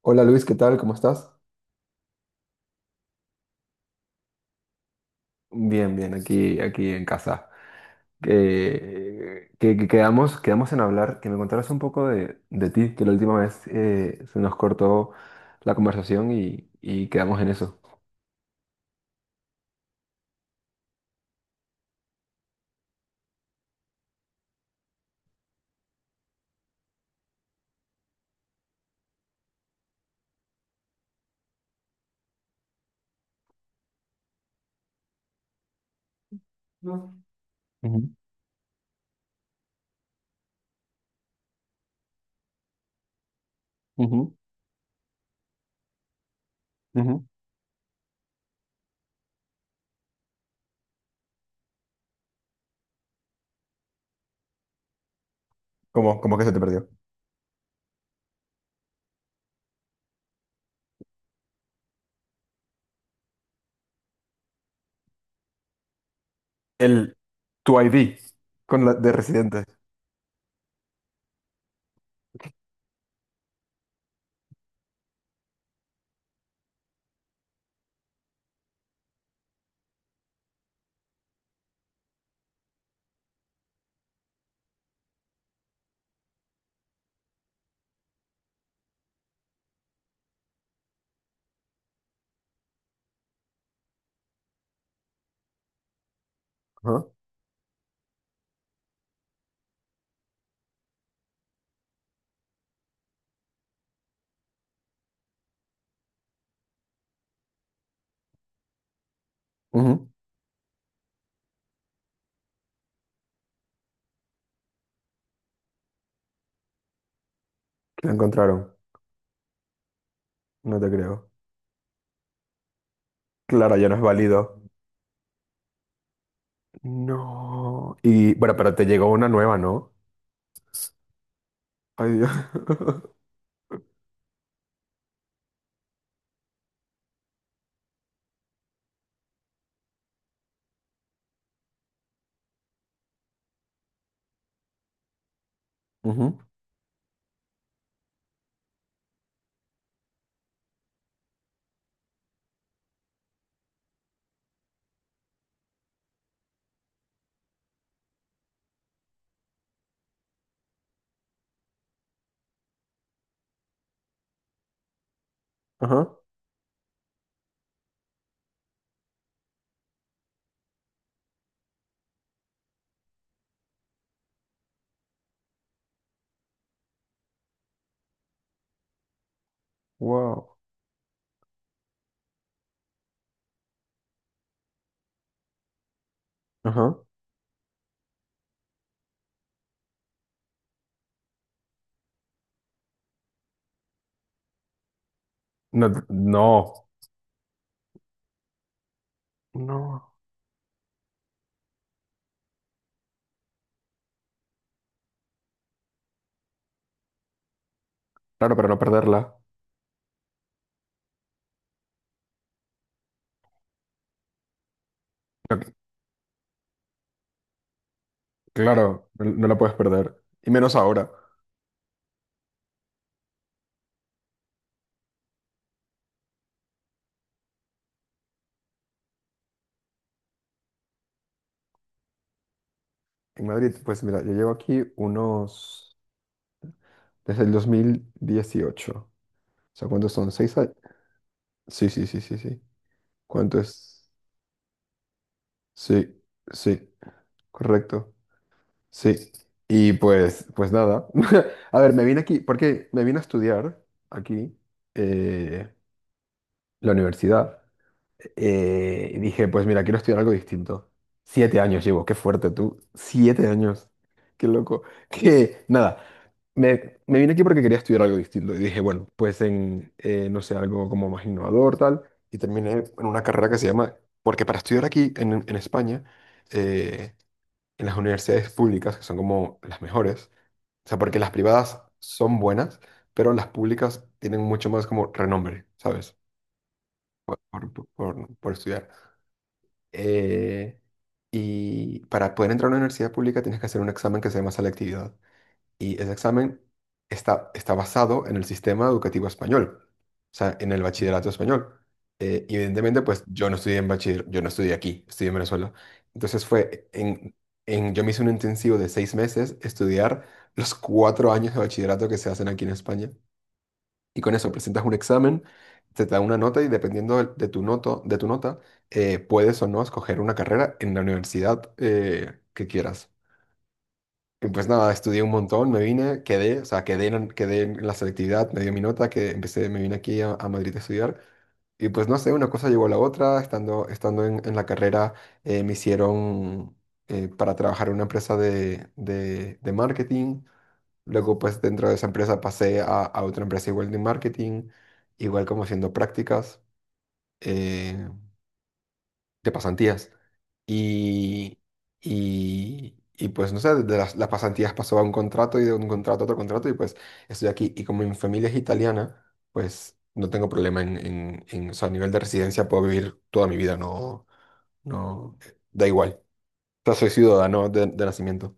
Hola Luis, ¿qué tal? ¿Cómo estás? Bien, bien, aquí en casa. Quedamos en hablar, que me contaras un poco de ti, que la última vez se nos cortó la conversación y quedamos en eso. No. ¿Cómo, cómo que se te perdió? El Tu ID con la de residente. Ajá, ujú. Lo encontraron. No te creo. Claro, ya no es válido. No. Y bueno, pero te llegó una nueva, ¿no? Ay, Dios. Ujú. Ajá. Wow. Ajá. No, no. Claro, para no perderla. No, claro, no, no la puedes perder. Y menos ahora. En Madrid, pues mira, yo llevo aquí unos… desde el 2018. O sea, ¿cuántos son? ¿Seis años? Sí, sí, sí, sí, sí. ¿Cuánto es? Sí, sí, correcto. Sí. Y pues, pues nada. A ver, me vine aquí, porque me vine a estudiar aquí eh, la universidad. Y dije, pues mira, quiero estudiar algo distinto. Siete años llevo, qué fuerte tú. Siete años. Qué loco. Que nada, me vine aquí porque quería estudiar algo distinto. Y dije, bueno, no sé, algo como más innovador, tal. Y terminé en una carrera que se llama, porque para estudiar aquí en España, eh, en las universidades públicas, que son como las mejores, o sea, porque las privadas son buenas, pero las públicas tienen mucho más como renombre, ¿sabes? Por estudiar eh, y para poder entrar a una universidad pública tienes que hacer un examen que se llama selectividad. Y ese examen está basado en el sistema educativo español, o sea, en el bachillerato español. Y evidentemente, pues yo no estudié en bachiller, yo no estudié aquí, estudié en Venezuela. Entonces fue en, yo me hice un intensivo de seis meses estudiar los cuatro años de bachillerato que se hacen aquí en España y con eso presentas un examen, te da una nota y dependiendo del- de, tu noto, de tu nota, puedes o no escoger una carrera en la universidad que quieras. Y pues nada, estudié un montón, me vine, quedé, o sea, quedé en la selectividad, me dio mi nota, que empecé, me vine aquí a Madrid a estudiar. Y pues no sé, una cosa llevó a la otra, estando en la carrera me hicieron para trabajar en una empresa de marketing. Luego, pues dentro de esa empresa pasé a otra empresa igual de marketing, igual como haciendo prácticas eh, de pasantías. Y, y pues no sé, las pasantías pasó a un contrato y de un contrato a otro contrato y pues estoy aquí. Y como mi familia es italiana, pues no tengo problema o sea, a nivel de residencia puedo vivir toda mi vida, no, no, da igual. O sea, soy ciudadano de nacimiento.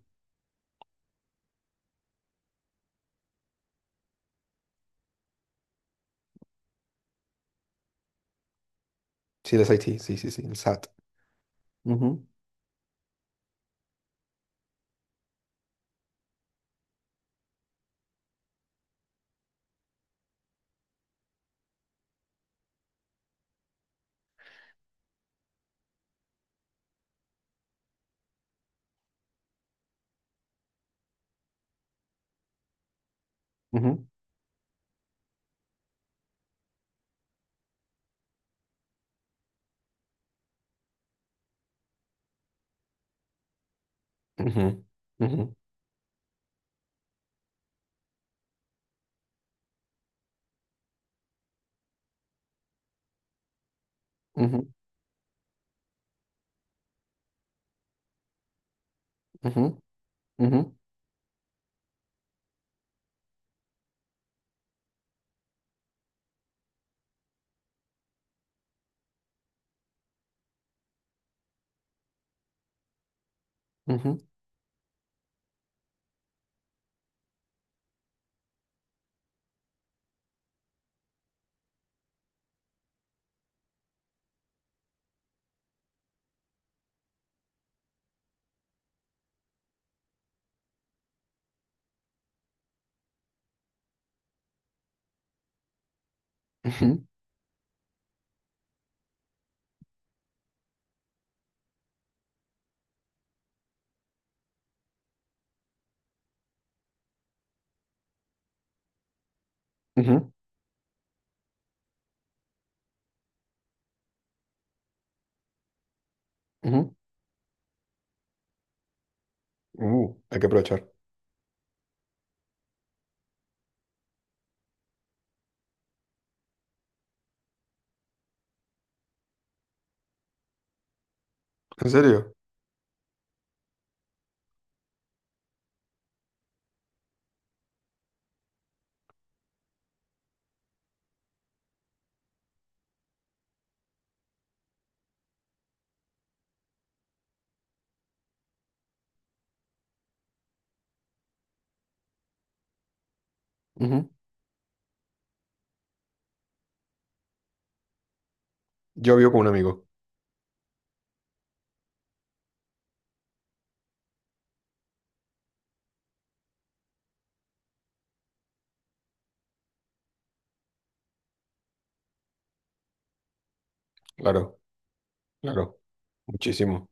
Sí, del SAT, sí, sí, sí, el SAT. Ujú, ujú, ujú. Ujú, ujú, ujú, ujú, ujú, ujú, ujú, ujú. Hay que aprovechar. ¿En serio? Ujú. Yo vivo con un amigo. Claro, claro. Muchísimo.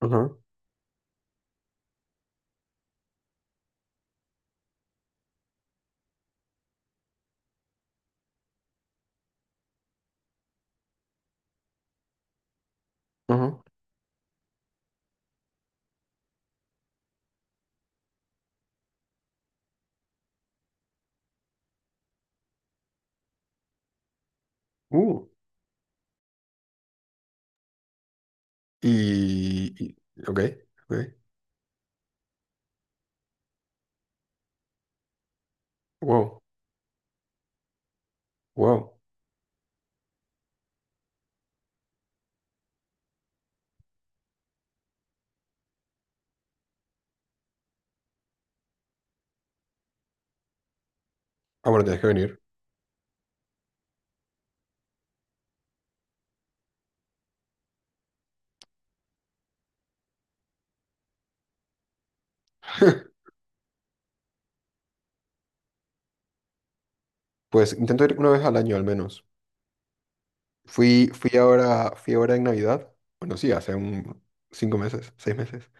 Ajá, ajá. Uh. Y- Ok, ok. Wow, wow. Ah, bueno, tienes que venir. Pues intento ir una vez al año al menos. Fui ahora, fui ahora en Navidad. Bueno, sí, hace un cinco meses, seis meses.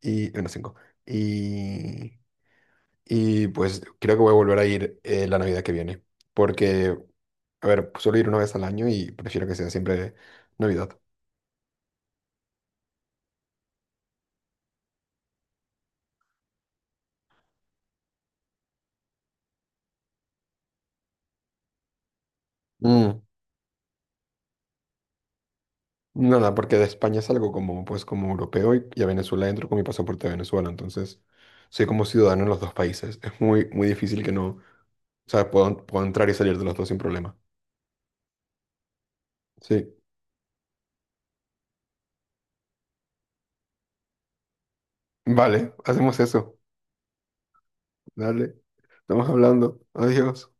Y, bueno, cinco. y Y pues creo que voy a volver a ir la Navidad que viene. Porque, a ver, suelo ir una vez al año y prefiero que sea siempre Navidad. Mm, nada, porque de España salgo como, pues, como europeo y a Venezuela entro con mi pasaporte de Venezuela. Entonces, soy como ciudadano en los dos países. Es muy, muy difícil que no, o sea, puedo, puedo entrar y salir de los dos sin problema. Sí. Vale, hacemos eso. Dale. Estamos hablando. Adiós.